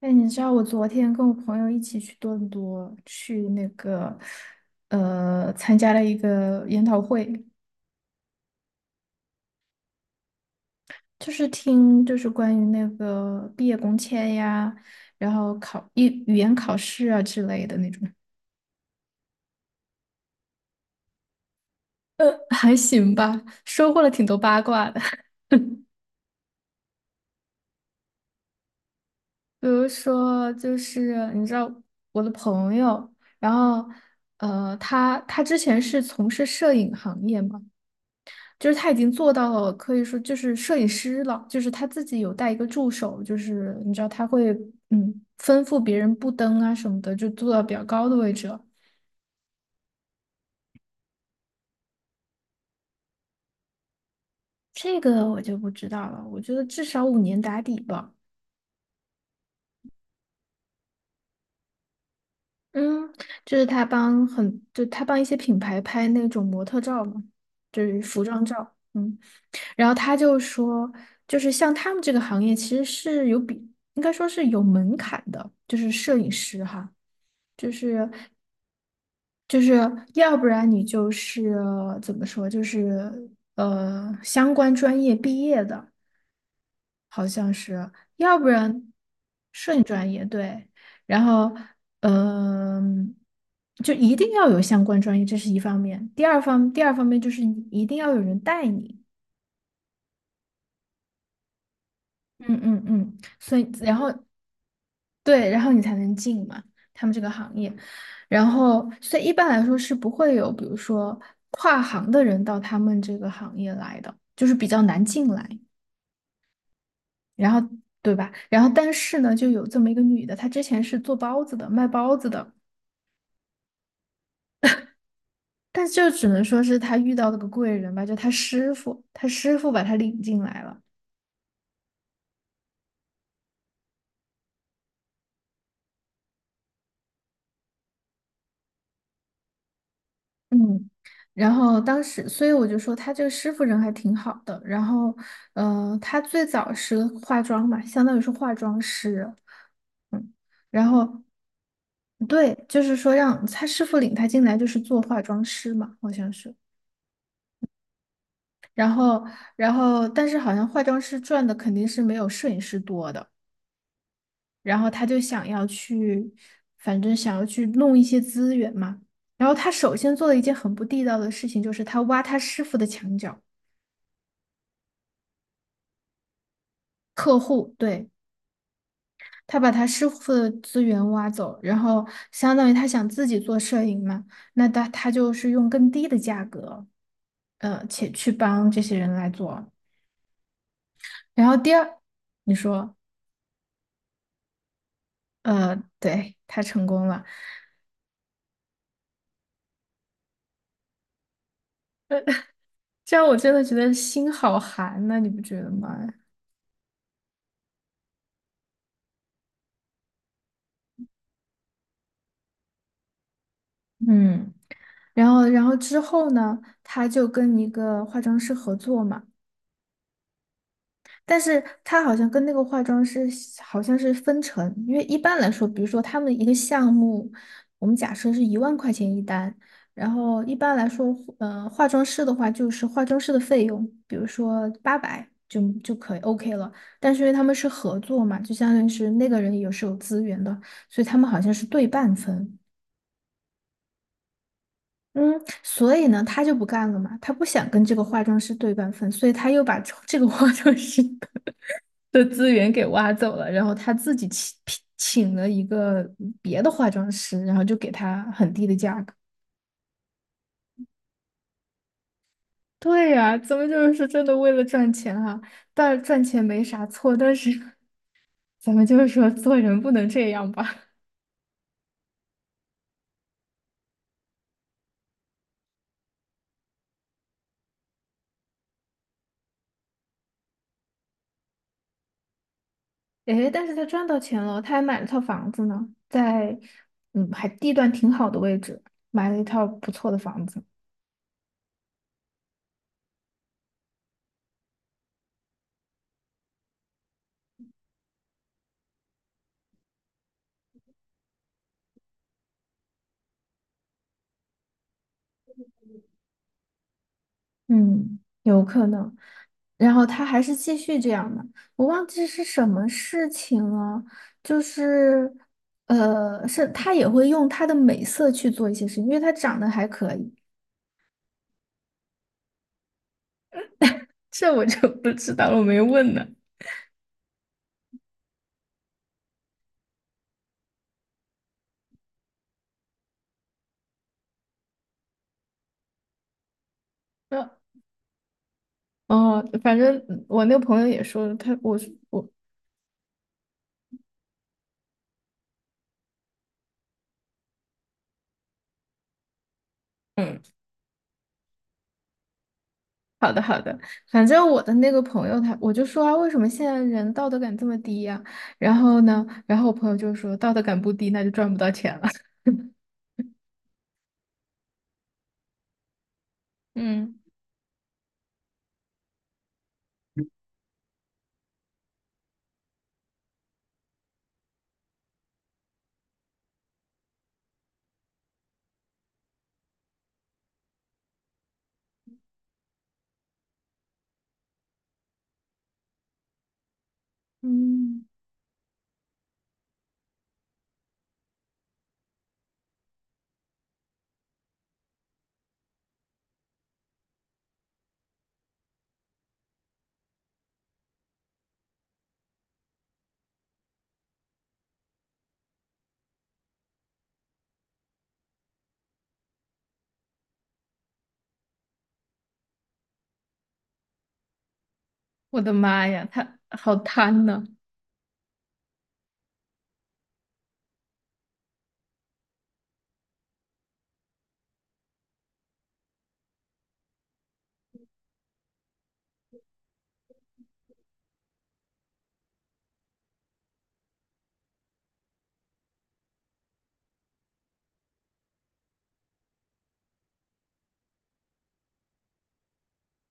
哎，你知道我昨天跟我朋友一起去多伦多，去那个参加了一个研讨会，就是听关于那个毕业工签呀，然后考一语言考试啊之类的那种。呃，还行吧，收获了挺多八卦的。比如说，就是你知道我的朋友，然后他之前是从事摄影行业嘛。就是他已经做到了，可以说就是摄影师了，就是他自己有带一个助手，就是你知道他会吩咐别人布灯啊什么的，就做到比较高的位置了。这个我就不知道了，我觉得至少5年打底吧。嗯，他帮一些品牌拍那种模特照嘛，就是服装照。嗯，然后他就说，像他们这个行业其实是有比，应该说是有门槛的，就是摄影师哈。就是就是要不然你就是怎么说，就是相关专业毕业的，好像是，要不然摄影专业对，然后嗯、就一定要有相关专业，这是一方面。第二方面就是你一定要有人带你，嗯嗯嗯，所以然后对，然后你才能进嘛，他们这个行业。然后，所以一般来说是不会有，比如说跨行的人到他们这个行业来的，就是比较难进来。然后，对吧？然后，但是呢，就有这么一个女的，她之前是做包子的，卖包子的，但就只能说是她遇到了个贵人吧，就她师傅，她师傅把她领进来了。嗯，然后当时，所以我就说他这个师傅人还挺好的。然后，呃，他最早是化妆嘛，相当于是化妆师。嗯，然后对，就是说让他师傅领他进来，就是做化妆师嘛，好像是。然后，然后，但是好像化妆师赚的肯定是没有摄影师多的。然后他就想要去，反正想要去弄一些资源嘛。然后他首先做了一件很不地道的事情，就是他挖他师傅的墙角。客户，对，他把他师傅的资源挖走，然后相当于他想自己做摄影嘛，那他就是用更低的价格，且去帮这些人来做。然后第二，你说，呃，对，他成功了，这样我真的觉得心好寒呐，你不觉得吗？嗯，然后之后呢，他就跟一个化妆师合作嘛。但是他好像跟那个化妆师好像是分成，因为一般来说，比如说他们一个项目，我们假设是10000块钱一单，然后一般来说，呃，化妆师的话就是化妆师的费用，比如说800就可以 OK 了。但是因为他们是合作嘛，就相当于是那个人也是有资源的，所以他们好像是对半分。嗯，所以呢，他就不干了嘛，他不想跟这个化妆师对半分，所以他又把这个化妆师 的资源给挖走了，然后他自己请了一个别的化妆师，然后就给他很低的价格。对呀，咱们就是说真的为了赚钱啊，但赚钱没啥错，但是咱们就是说做人不能这样吧。诶，但是他赚到钱了，他还买了套房子呢，在还地段挺好的位置，买了一套不错的房子。嗯，有可能。然后他还是继续这样的，我忘记是什么事情了，就是，呃，是他也会用他的美色去做一些事情，因为他长得还可以，这我就不知道了，我没问呢。那哦，反正我那个朋友也说了，他我我嗯，好的好的，反正我的那个朋友就说啊，为什么现在人道德感这么低呀、然后呢，然后我朋友就说道德感不低，那就赚不到钱了。嗯。嗯，我的妈呀，他好贪呐、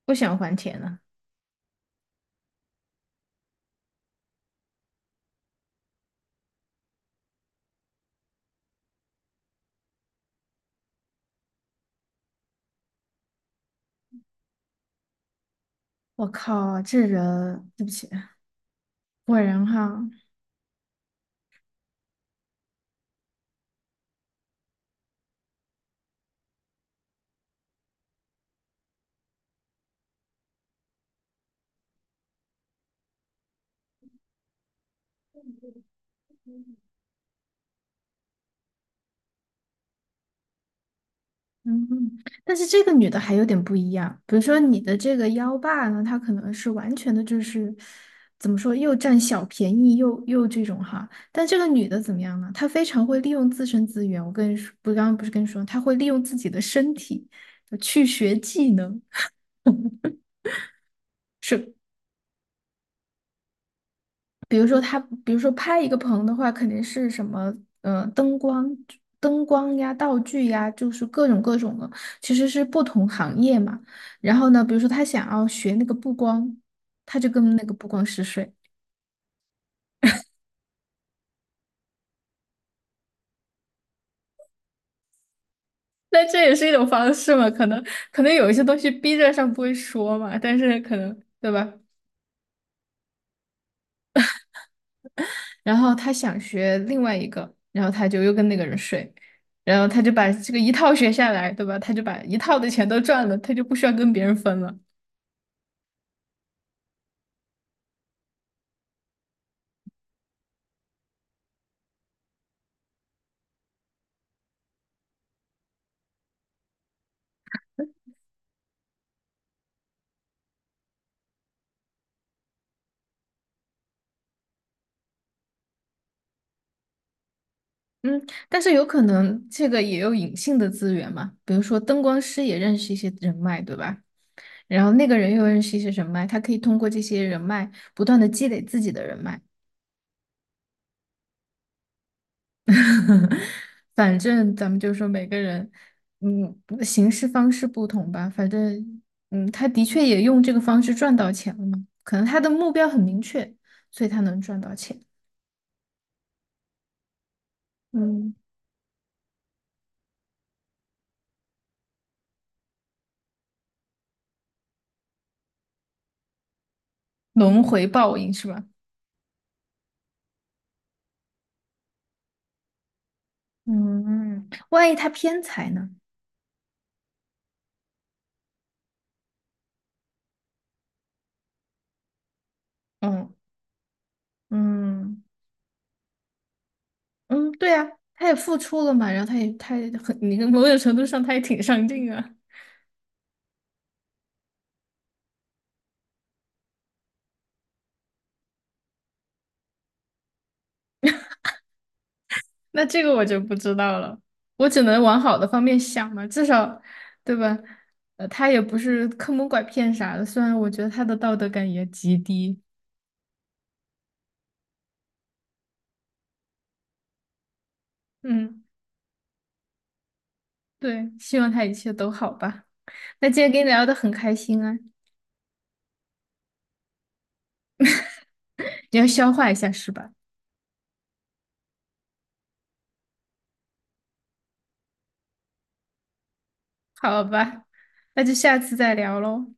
不想还钱啊！我靠，这人，对不起，果然哈，嗯，但是这个女的还有点不一样，比如说你的这个幺爸呢，他可能是完全的就是怎么说，又占小便宜又这种哈，但这个女的怎么样呢？她非常会利用自身资源，我跟你说，不，刚刚不是跟你说，她会利用自己的身体去学技能。是。比如说他，比如说拍一个棚的话，肯定是什么，呃，灯光呀、道具呀，就是各种的，其实是不同行业嘛。然后呢，比如说他想要学那个布光，他就跟那个布光师睡。那这也是一种方式嘛？可能有一些东西逼着上不会说嘛，但是可能对吧？然后他想学另外一个，然后他就又跟那个人睡，然后他就把这个一套学下来，对吧？他就把一套的钱都赚了，他就不需要跟别人分了。嗯，但是有可能这个也有隐性的资源嘛，比如说灯光师也认识一些人脉，对吧？然后那个人又认识一些人脉，他可以通过这些人脉不断的积累自己的人脉。反正咱们就说每个人，嗯，行事方式不同吧。反正，嗯，他的确也用这个方式赚到钱了嘛，可能他的目标很明确，所以他能赚到钱。嗯，轮回报应是吧？嗯，万一他偏财呢？嗯。嗯嗯，对呀，他也付出了嘛，然后他也很，你看某种程度上他也挺上进啊。那这个我就不知道了，我只能往好的方面想嘛，至少，对吧？呃，他也不是坑蒙拐骗啥的，虽然我觉得他的道德感也极低。嗯，对，希望他一切都好吧。那今天跟你聊的很开心啊，你要消化一下是吧？好吧，那就下次再聊喽。